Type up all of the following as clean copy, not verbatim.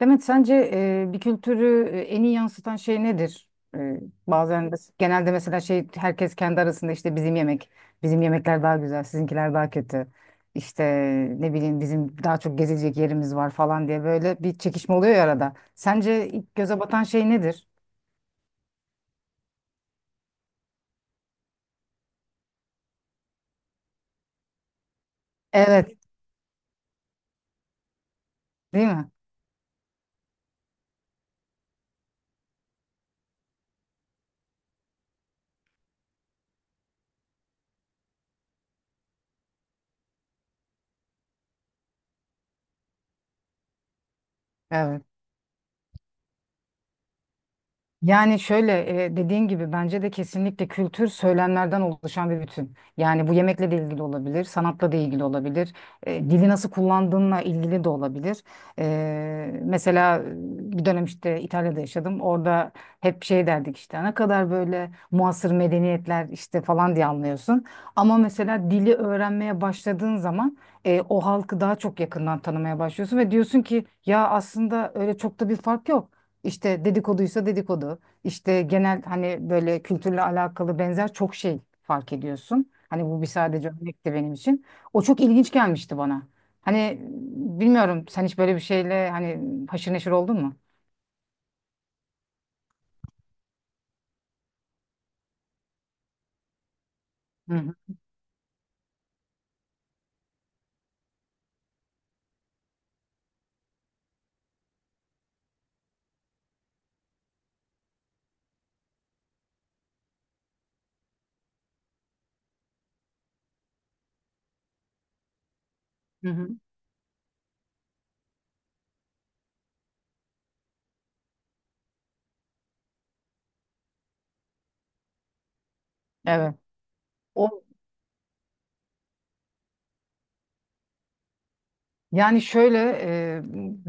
Demet, sence bir kültürü en iyi yansıtan şey nedir? E, bazen genelde mesela şey herkes kendi arasında işte bizim yemek, bizim yemekler daha güzel, sizinkiler daha kötü. İşte ne bileyim bizim daha çok gezilecek yerimiz var falan diye böyle bir çekişme oluyor ya arada. Sence ilk göze batan şey nedir? Evet, değil mi? Evet. Yani şöyle dediğin gibi bence de kesinlikle kültür söylemlerden oluşan bir bütün. Yani bu yemekle de ilgili olabilir, sanatla da ilgili olabilir, dili nasıl kullandığınla ilgili de olabilir. Mesela bir dönem işte İtalya'da yaşadım. Orada hep şey derdik işte ne kadar böyle muasır medeniyetler işte falan diye anlıyorsun. Ama mesela dili öğrenmeye başladığın zaman o halkı daha çok yakından tanımaya başlıyorsun ve diyorsun ki ya aslında öyle çok da bir fark yok. İşte dedikoduysa dedikodu. İşte genel hani böyle kültürle alakalı benzer çok şey fark ediyorsun. Hani bu bir sadece örnekti benim için. O çok ilginç gelmişti bana. Hani bilmiyorum sen hiç böyle bir şeyle hani haşır neşir oldun mu? Hı hı. Hı hı. Evet. O Yani şöyle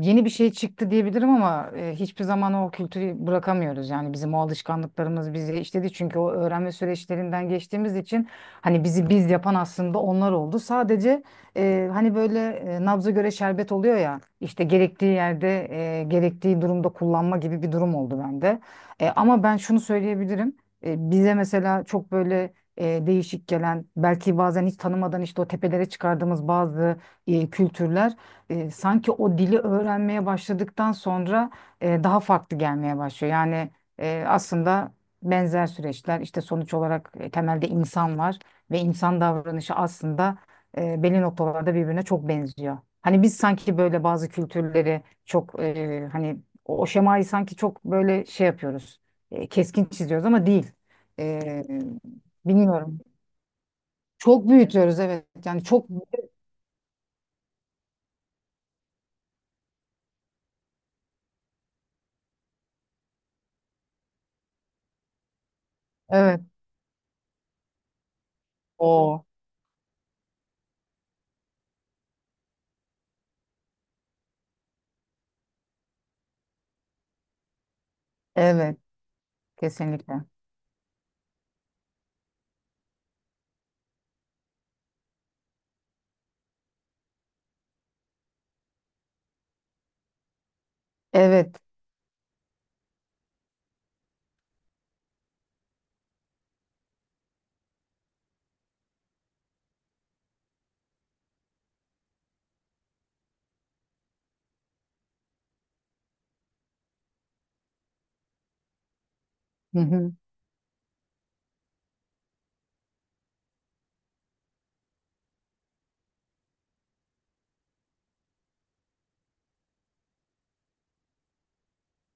yeni bir şey çıktı diyebilirim ama hiçbir zaman o kültürü bırakamıyoruz. Yani bizim o alışkanlıklarımız bizi işledi çünkü o öğrenme süreçlerinden geçtiğimiz için hani bizi biz yapan aslında onlar oldu. Sadece hani böyle nabza göre şerbet oluyor ya işte gerektiği yerde gerektiği durumda kullanma gibi bir durum oldu bende. Ama ben şunu söyleyebilirim. Bize mesela çok böyle değişik gelen belki bazen hiç tanımadan işte o tepelere çıkardığımız bazı kültürler sanki o dili öğrenmeye başladıktan sonra daha farklı gelmeye başlıyor. Yani aslında benzer süreçler işte sonuç olarak temelde insan var ve insan davranışı aslında belli noktalarda birbirine çok benziyor. Hani biz sanki böyle bazı kültürleri çok hani o şemayı sanki çok böyle şey yapıyoruz. Keskin çiziyoruz ama değil. E, bilmiyorum. Çok büyütüyoruz, evet. Yani çok, evet. O, evet. Kesinlikle. Evet. Hı hı.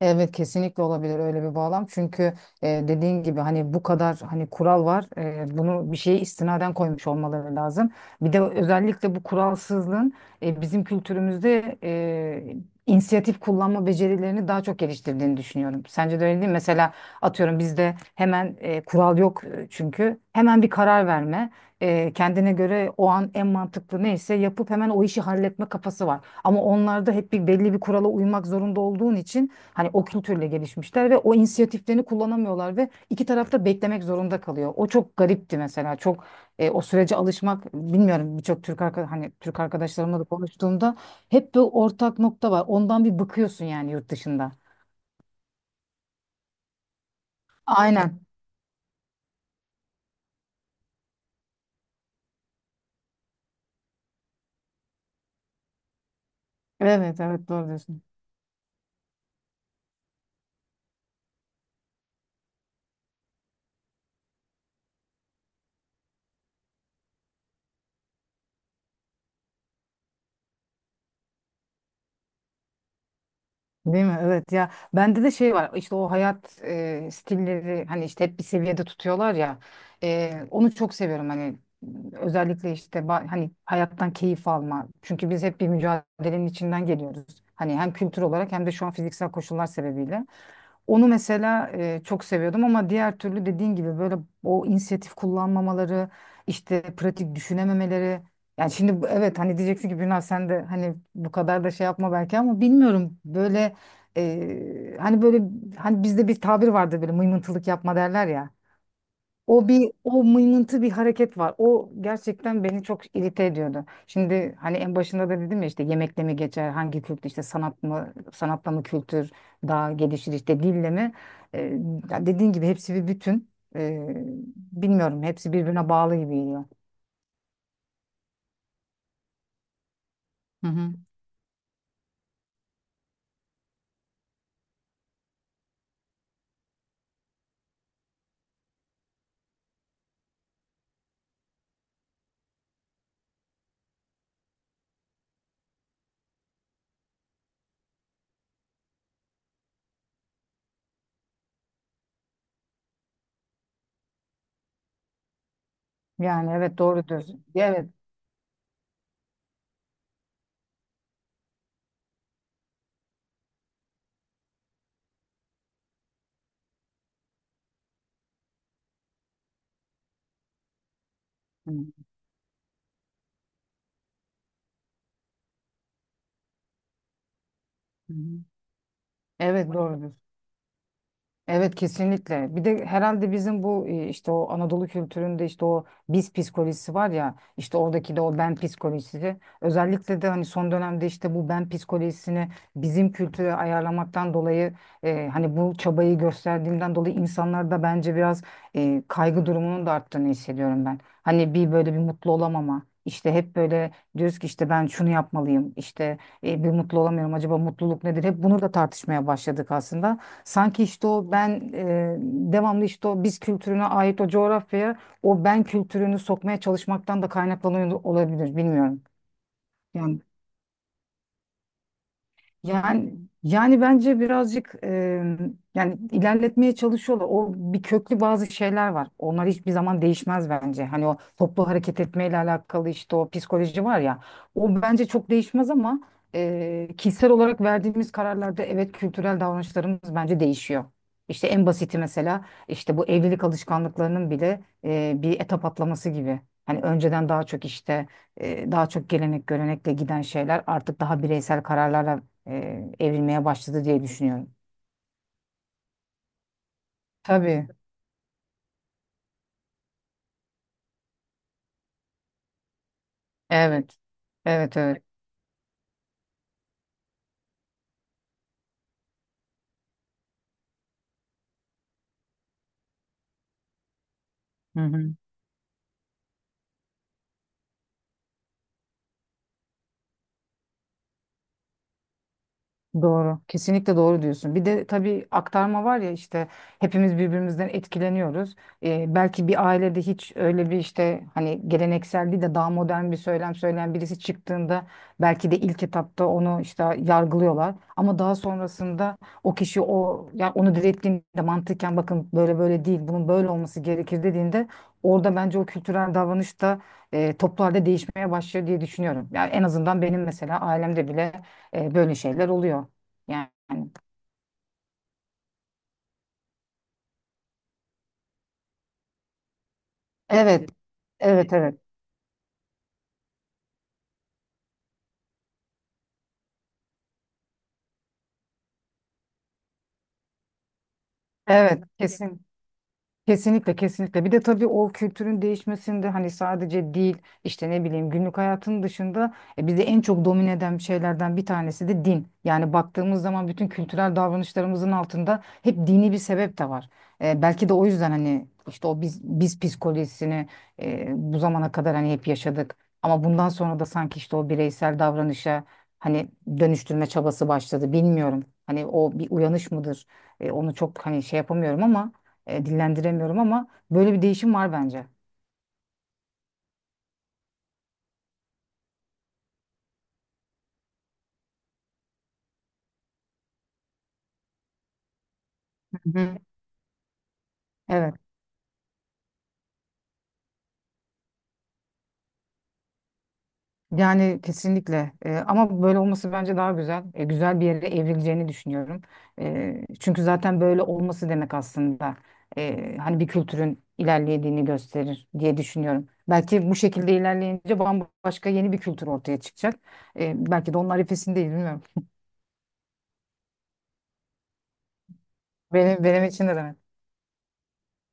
Evet, kesinlikle olabilir öyle bir bağlam. Çünkü dediğin gibi hani bu kadar hani kural var. Bunu bir şeye istinaden koymuş olmaları lazım. Bir de özellikle bu kuralsızlığın bizim kültürümüzde inisiyatif kullanma becerilerini daha çok geliştirdiğini düşünüyorum. Sence de öyle değil mi? Mesela atıyorum bizde hemen kural yok çünkü. Hemen bir karar verme. Kendine göre o an en mantıklı neyse yapıp hemen o işi halletme kafası var. Ama onlarda hep bir belli bir kurala uymak zorunda olduğun için hani o kültürle gelişmişler ve o inisiyatiflerini kullanamıyorlar ve iki tarafta beklemek zorunda kalıyor. O çok garipti mesela. Çok o sürece alışmak bilmiyorum, birçok hani Türk arkadaşlarımla da konuştuğumda hep bir ortak nokta var. Ondan bir bıkıyorsun yani yurt dışında. Aynen. Evet, evet, doğru diyorsun. Değil mi? Evet ya, bende de şey var işte o hayat stilleri, hani işte hep bir seviyede tutuyorlar ya. Onu çok seviyorum, hani özellikle işte hani hayattan keyif alma, çünkü biz hep bir mücadelenin içinden geliyoruz hani, hem kültür olarak hem de şu an fiziksel koşullar sebebiyle. Onu mesela çok seviyordum ama diğer türlü dediğin gibi böyle o inisiyatif kullanmamaları, işte pratik düşünememeleri. Yani şimdi evet hani diyeceksin ki Bülent sen de hani bu kadar da şey yapma belki ama bilmiyorum, böyle hani böyle, hani bizde bir tabir vardır, böyle mıymıntılık yapma derler ya. O mıymıntı bir hareket var. O gerçekten beni çok irite ediyordu. Şimdi hani en başında da dedim ya, işte yemekle mi geçer, hangi kültür, işte sanat mı, sanatla mı kültür daha gelişir, işte dille mi? Ee, ya dediğin gibi, hepsi bir bütün. Ee, bilmiyorum, hepsi birbirine bağlı gibi geliyor. Hı hı. Yani evet, doğrudur. Evet. Hı hı. Evet, doğrudur. Evet, kesinlikle. Bir de herhalde bizim bu işte o Anadolu kültüründe işte o biz psikolojisi var ya, işte oradaki de o ben psikolojisi. Özellikle de hani son dönemde işte bu ben psikolojisini bizim kültüre ayarlamaktan dolayı, hani bu çabayı gösterdiğimden dolayı insanlarda bence biraz kaygı durumunun da arttığını hissediyorum ben. Hani bir böyle bir mutlu olamama. İşte hep böyle diyoruz ki işte ben şunu yapmalıyım. İşte bir mutlu olamıyorum. Acaba mutluluk nedir? Hep bunu da tartışmaya başladık aslında. Sanki işte o ben, devamlı işte o biz kültürüne ait o coğrafyaya o ben kültürünü sokmaya çalışmaktan da kaynaklanıyor olabilir, bilmiyorum. Yani Yani yani bence birazcık yani ilerletmeye çalışıyorlar. O bir köklü bazı şeyler var. Onlar hiçbir zaman değişmez bence. Hani o toplu hareket etmeyle alakalı işte o psikoloji var ya. O bence çok değişmez ama kişisel olarak verdiğimiz kararlarda evet, kültürel davranışlarımız bence değişiyor. İşte en basiti mesela, işte bu evlilik alışkanlıklarının bile bir etap atlaması gibi. Hani önceden daha çok gelenek görenekle giden şeyler artık daha bireysel kararlarla evrilmeye başladı diye düşünüyorum. Tabii. Evet. Evet, evet. Hı hı. Doğru. Kesinlikle doğru diyorsun. Bir de tabii aktarma var ya, işte hepimiz birbirimizden etkileniyoruz. Belki bir ailede hiç öyle bir, işte hani geleneksel değil de daha modern bir söylem söyleyen birisi çıktığında, belki de ilk etapta onu işte yargılıyorlar. Ama daha sonrasında o kişi, o yani onu direttiğinde, mantıken bakın böyle böyle değil bunun böyle olması gerekir dediğinde, orada bence o kültürel davranış da toplu değişmeye başlıyor diye düşünüyorum. Yani en azından benim mesela ailemde bile böyle şeyler oluyor. Yani evet, evet, evet. Evet, kesin. Kesinlikle, kesinlikle. Bir de tabii o kültürün değişmesinde hani sadece dil, işte ne bileyim günlük hayatın dışında bizi en çok domine eden şeylerden bir tanesi de din. Yani baktığımız zaman bütün kültürel davranışlarımızın altında hep dini bir sebep de var. Belki de o yüzden hani işte o biz psikolojisini bu zamana kadar hani hep yaşadık. Ama bundan sonra da sanki işte o bireysel davranışa hani dönüştürme çabası başladı. Bilmiyorum. Hani o bir uyanış mıdır? Onu çok hani şey yapamıyorum ama, dillendiremiyorum ama böyle bir değişim var bence. Hı hı. Evet. Yani kesinlikle. Ama böyle olması bence daha güzel. Güzel bir yere evrileceğini düşünüyorum. Çünkü zaten böyle olması demek aslında hani bir kültürün ilerlediğini gösterir diye düşünüyorum. Belki bu şekilde ilerleyince bambaşka yeni bir kültür ortaya çıkacak. Belki de onun arifesindeyiz, bilmiyorum. Benim için de demek.